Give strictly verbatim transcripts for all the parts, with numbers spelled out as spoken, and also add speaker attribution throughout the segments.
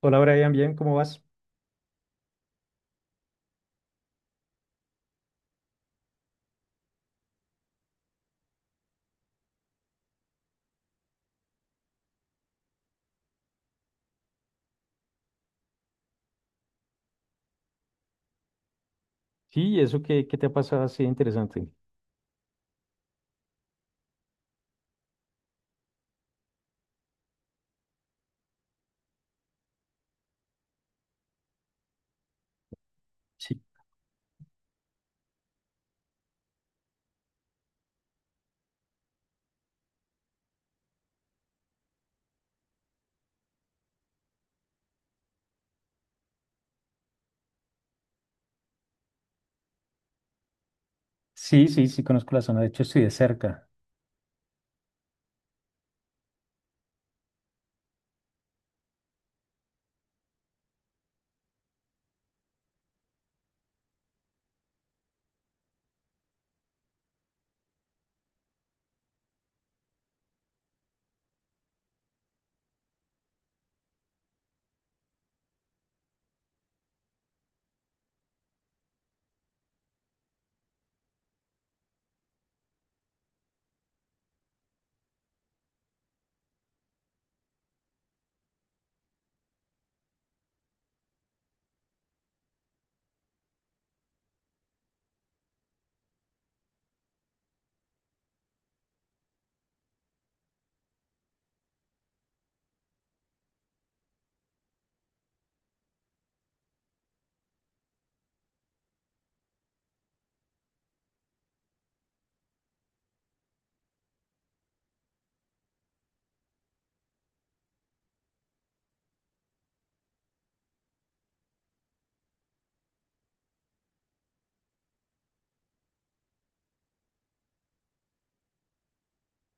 Speaker 1: Hola Brian, bien, ¿cómo vas? Sí, eso que, que te ha pasado así de interesante. Sí, sí, sí, sí, conozco la zona, de hecho estoy de cerca,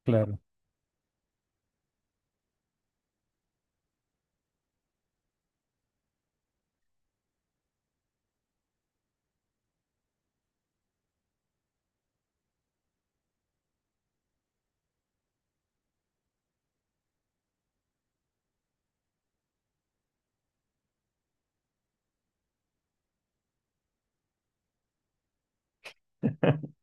Speaker 1: claro.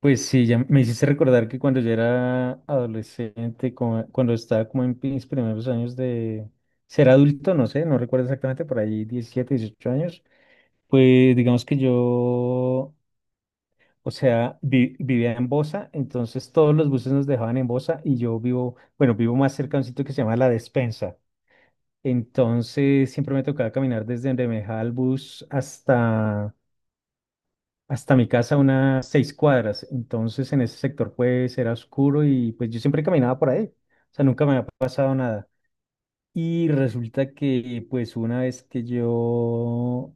Speaker 1: Pues sí, ya me hiciste recordar que cuando yo era adolescente, como- cuando estaba como en mis primeros años de ser adulto, no sé, no recuerdo exactamente, por ahí diecisiete, dieciocho años, pues digamos que yo, o sea, vi- vivía en Bosa, entonces todos los buses nos dejaban en Bosa y yo vivo, bueno, vivo más cerca de un sitio que se llama La Despensa. Entonces siempre me tocaba caminar desde Bermeja al bus hasta, hasta mi casa unas seis cuadras. Entonces en ese sector pues era oscuro y pues yo siempre caminaba por ahí. O sea, nunca me había pasado nada. Y resulta que pues una vez que yo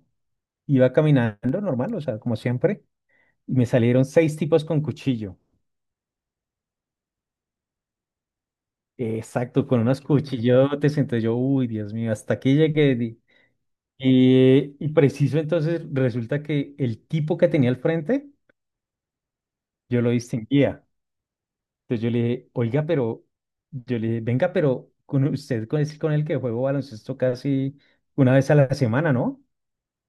Speaker 1: iba caminando normal, o sea, como siempre, y me salieron seis tipos con cuchillo. Exacto, con unos cuchillotes. Entonces yo, uy, Dios mío, hasta aquí llegué. di- Y, y preciso, entonces resulta que el tipo que tenía al frente, yo lo distinguía. Entonces yo le dije, oiga, pero, yo le dije, venga, pero con usted con es con el que juego baloncesto casi una vez a la semana, ¿no?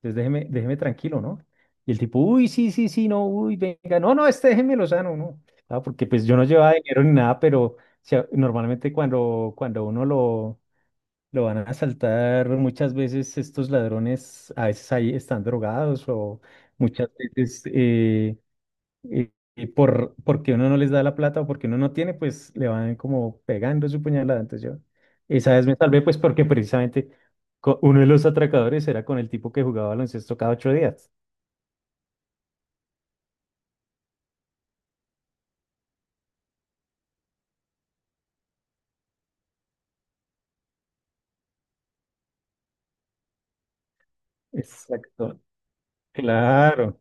Speaker 1: Entonces déjeme, déjeme tranquilo, ¿no? Y el tipo, uy, sí, sí, sí, no, uy, venga, no, no, este déjemelo sano, ¿no? Ah, porque pues yo no llevaba dinero ni nada, pero o sea, normalmente cuando, cuando uno lo, lo van a asaltar muchas veces estos ladrones, a veces ahí están drogados o muchas veces eh, eh, eh, por, porque uno no les da la plata o porque uno no tiene, pues le van como pegando su puñalada. Entonces yo esa vez me salvé pues porque precisamente co- uno de los atracadores era con el tipo que jugaba baloncesto cada ocho días. Exacto. Claro.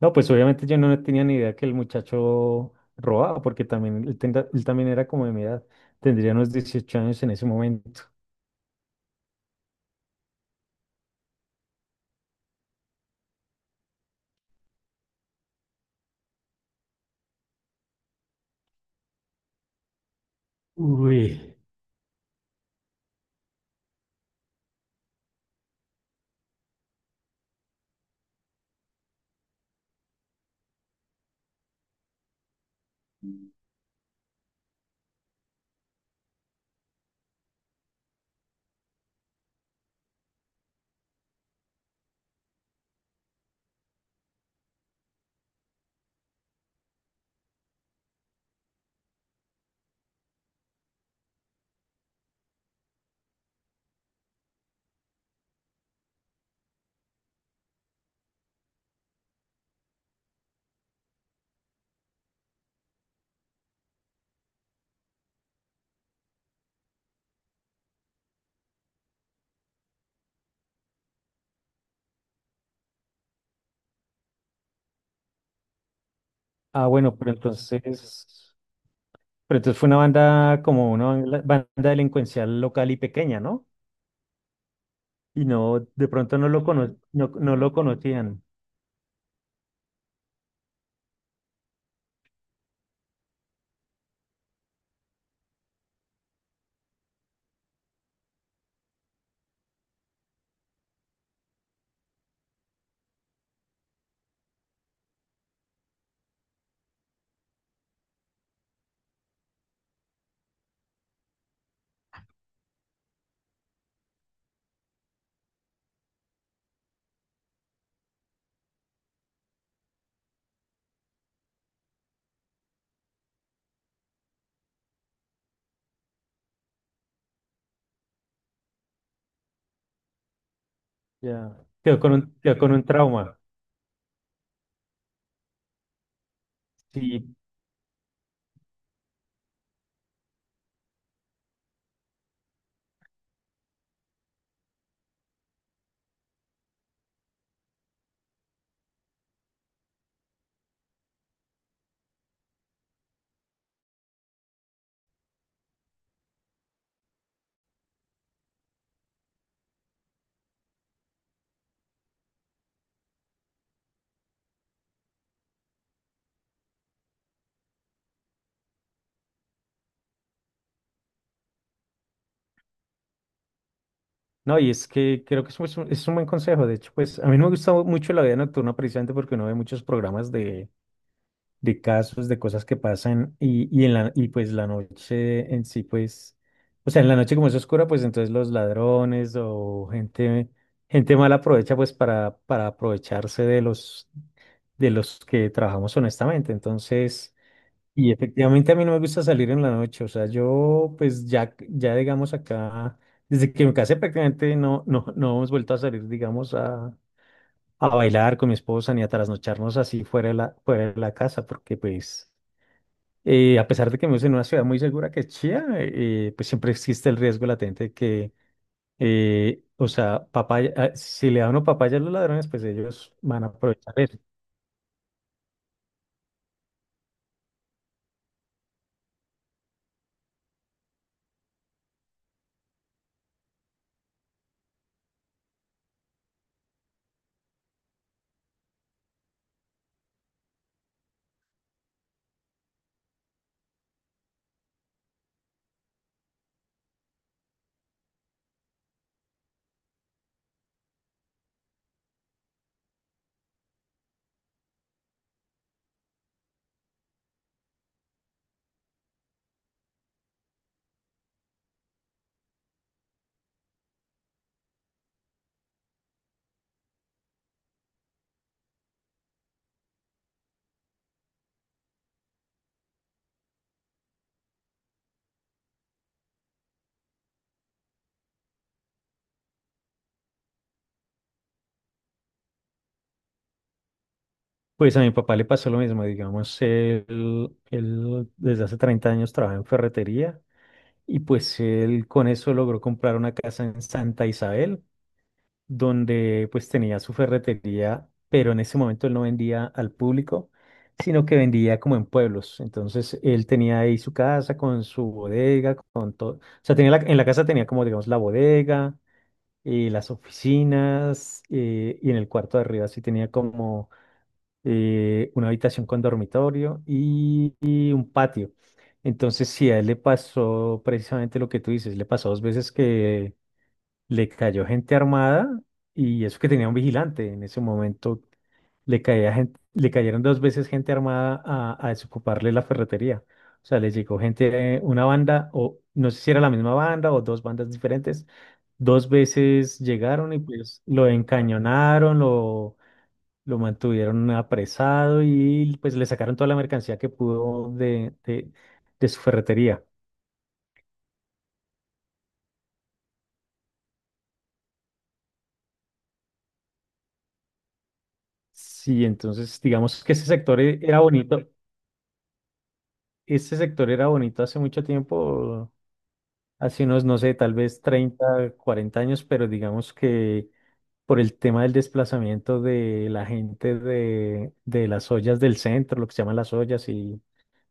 Speaker 1: No, pues obviamente yo no tenía ni idea que el muchacho robaba porque también, él, tenda- él también era como de mi edad, tendría unos dieciocho años en ese momento. Uy. Ah, bueno, pero entonces, pero entonces fue una banda como una ban- banda delincuencial local y pequeña, ¿no? Y no, de pronto no lo cono- no, no lo conocían. Ya. Quedó con un, quedó con un trauma. Sí. No, y es que creo que es un, es un buen consejo. De hecho, pues a mí no me gusta mucho la vida nocturna precisamente porque uno ve muchos programas de, de casos, de cosas que pasan y, y, en la, y pues la noche en sí, pues, o sea, en la noche como es oscura, pues entonces los ladrones o gente, gente mala aprovecha pues para, para aprovecharse de los, de los que trabajamos honestamente. Entonces, y efectivamente a mí no me gusta salir en la noche, o sea, yo pues ya, ya digamos acá, desde que me casé prácticamente no, no, no hemos vuelto a salir, digamos, a... a bailar con mi esposa ni a trasnocharnos así fuera de la, fuera de la casa, porque pues eh, a pesar de que vivimos en una ciudad muy segura que es Chía, eh, pues siempre existe el riesgo latente de que, eh, o sea, papaya, ah, si le dan una papaya a los ladrones, pues ellos van a aprovechar eso. Pues a mi papá le pasó lo mismo, digamos, él, él desde hace treinta años trabaja en ferretería y pues él con eso logró comprar una casa en Santa Isabel donde pues tenía su ferretería, pero en ese momento él no vendía al público, sino que vendía como en pueblos. Entonces él tenía ahí su casa con su bodega, con todo. O sea, tenía la- en la casa tenía como, digamos, la bodega y las oficinas eh, y en el cuarto de arriba sí tenía como eh, una habitación con dormitorio y, y un patio. Entonces sí, a él le pasó precisamente lo que tú dices, le pasó dos veces que le cayó gente armada y eso que tenía un vigilante en ese momento. Le caía gente, le cayeron dos veces gente armada a, a desocuparle la ferretería. O sea, les llegó gente, eh, una banda, o no sé si era la misma banda o dos bandas diferentes. Dos veces llegaron y pues lo encañonaron, lo, lo mantuvieron apresado y pues le sacaron toda la mercancía que pudo de, de, de su ferretería. Sí, entonces digamos que ese sector e- era bonito. Este sector era bonito hace mucho tiempo, hace unos, no sé, tal vez treinta, cuarenta años, pero digamos que por el tema del desplazamiento de la gente de, de las ollas del centro, lo que se llaman las ollas y,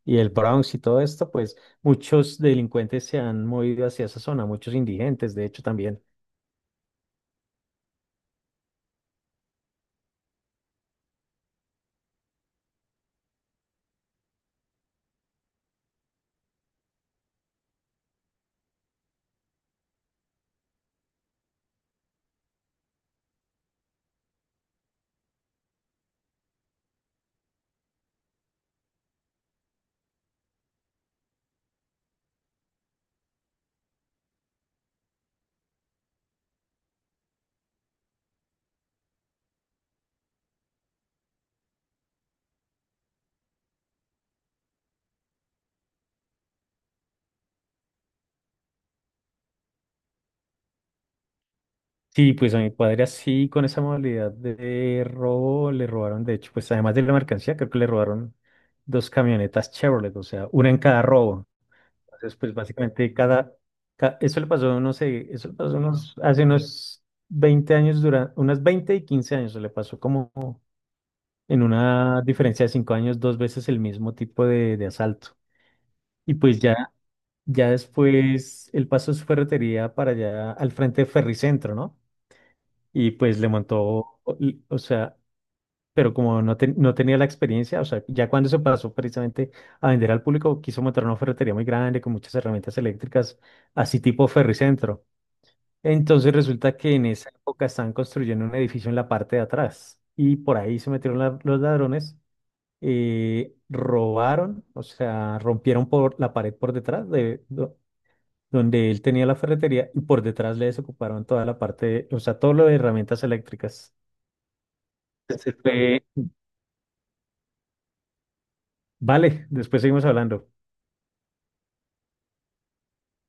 Speaker 1: y el Bronx y todo esto, pues muchos delincuentes se han movido hacia esa zona, muchos indigentes, de hecho, también. Sí, pues a mi padre así, con esa modalidad de robo, le robaron, de hecho, pues además de la mercancía, creo que le robaron dos camionetas Chevrolet, o sea, una en cada robo. Entonces, pues básicamente cada, ca- eso le pasó, no sé, eso le pasó unos, hace unos veinte años, durante, unas veinte y quince años, le pasó como en una diferencia de cinco años, dos veces el mismo tipo de, de asalto. Y pues ya, ya después él pasó su ferretería para allá al frente de Ferricentro, ¿no? Y pues le montó, o o sea, pero como no, ten- no tenía la experiencia, o sea, ya cuando se pasó precisamente a vender al público, quiso montar una ferretería muy grande con muchas herramientas eléctricas, así tipo Ferricentro. Entonces resulta que en esa época estaban construyendo un edificio en la parte de atrás y por ahí se metieron la- los ladrones, eh, robaron, o sea, rompieron por la pared por detrás de... do- donde él tenía la ferretería y por detrás le desocuparon toda la parte, o sea, todo lo de herramientas eléctricas. Ese fue- Vale, después seguimos hablando.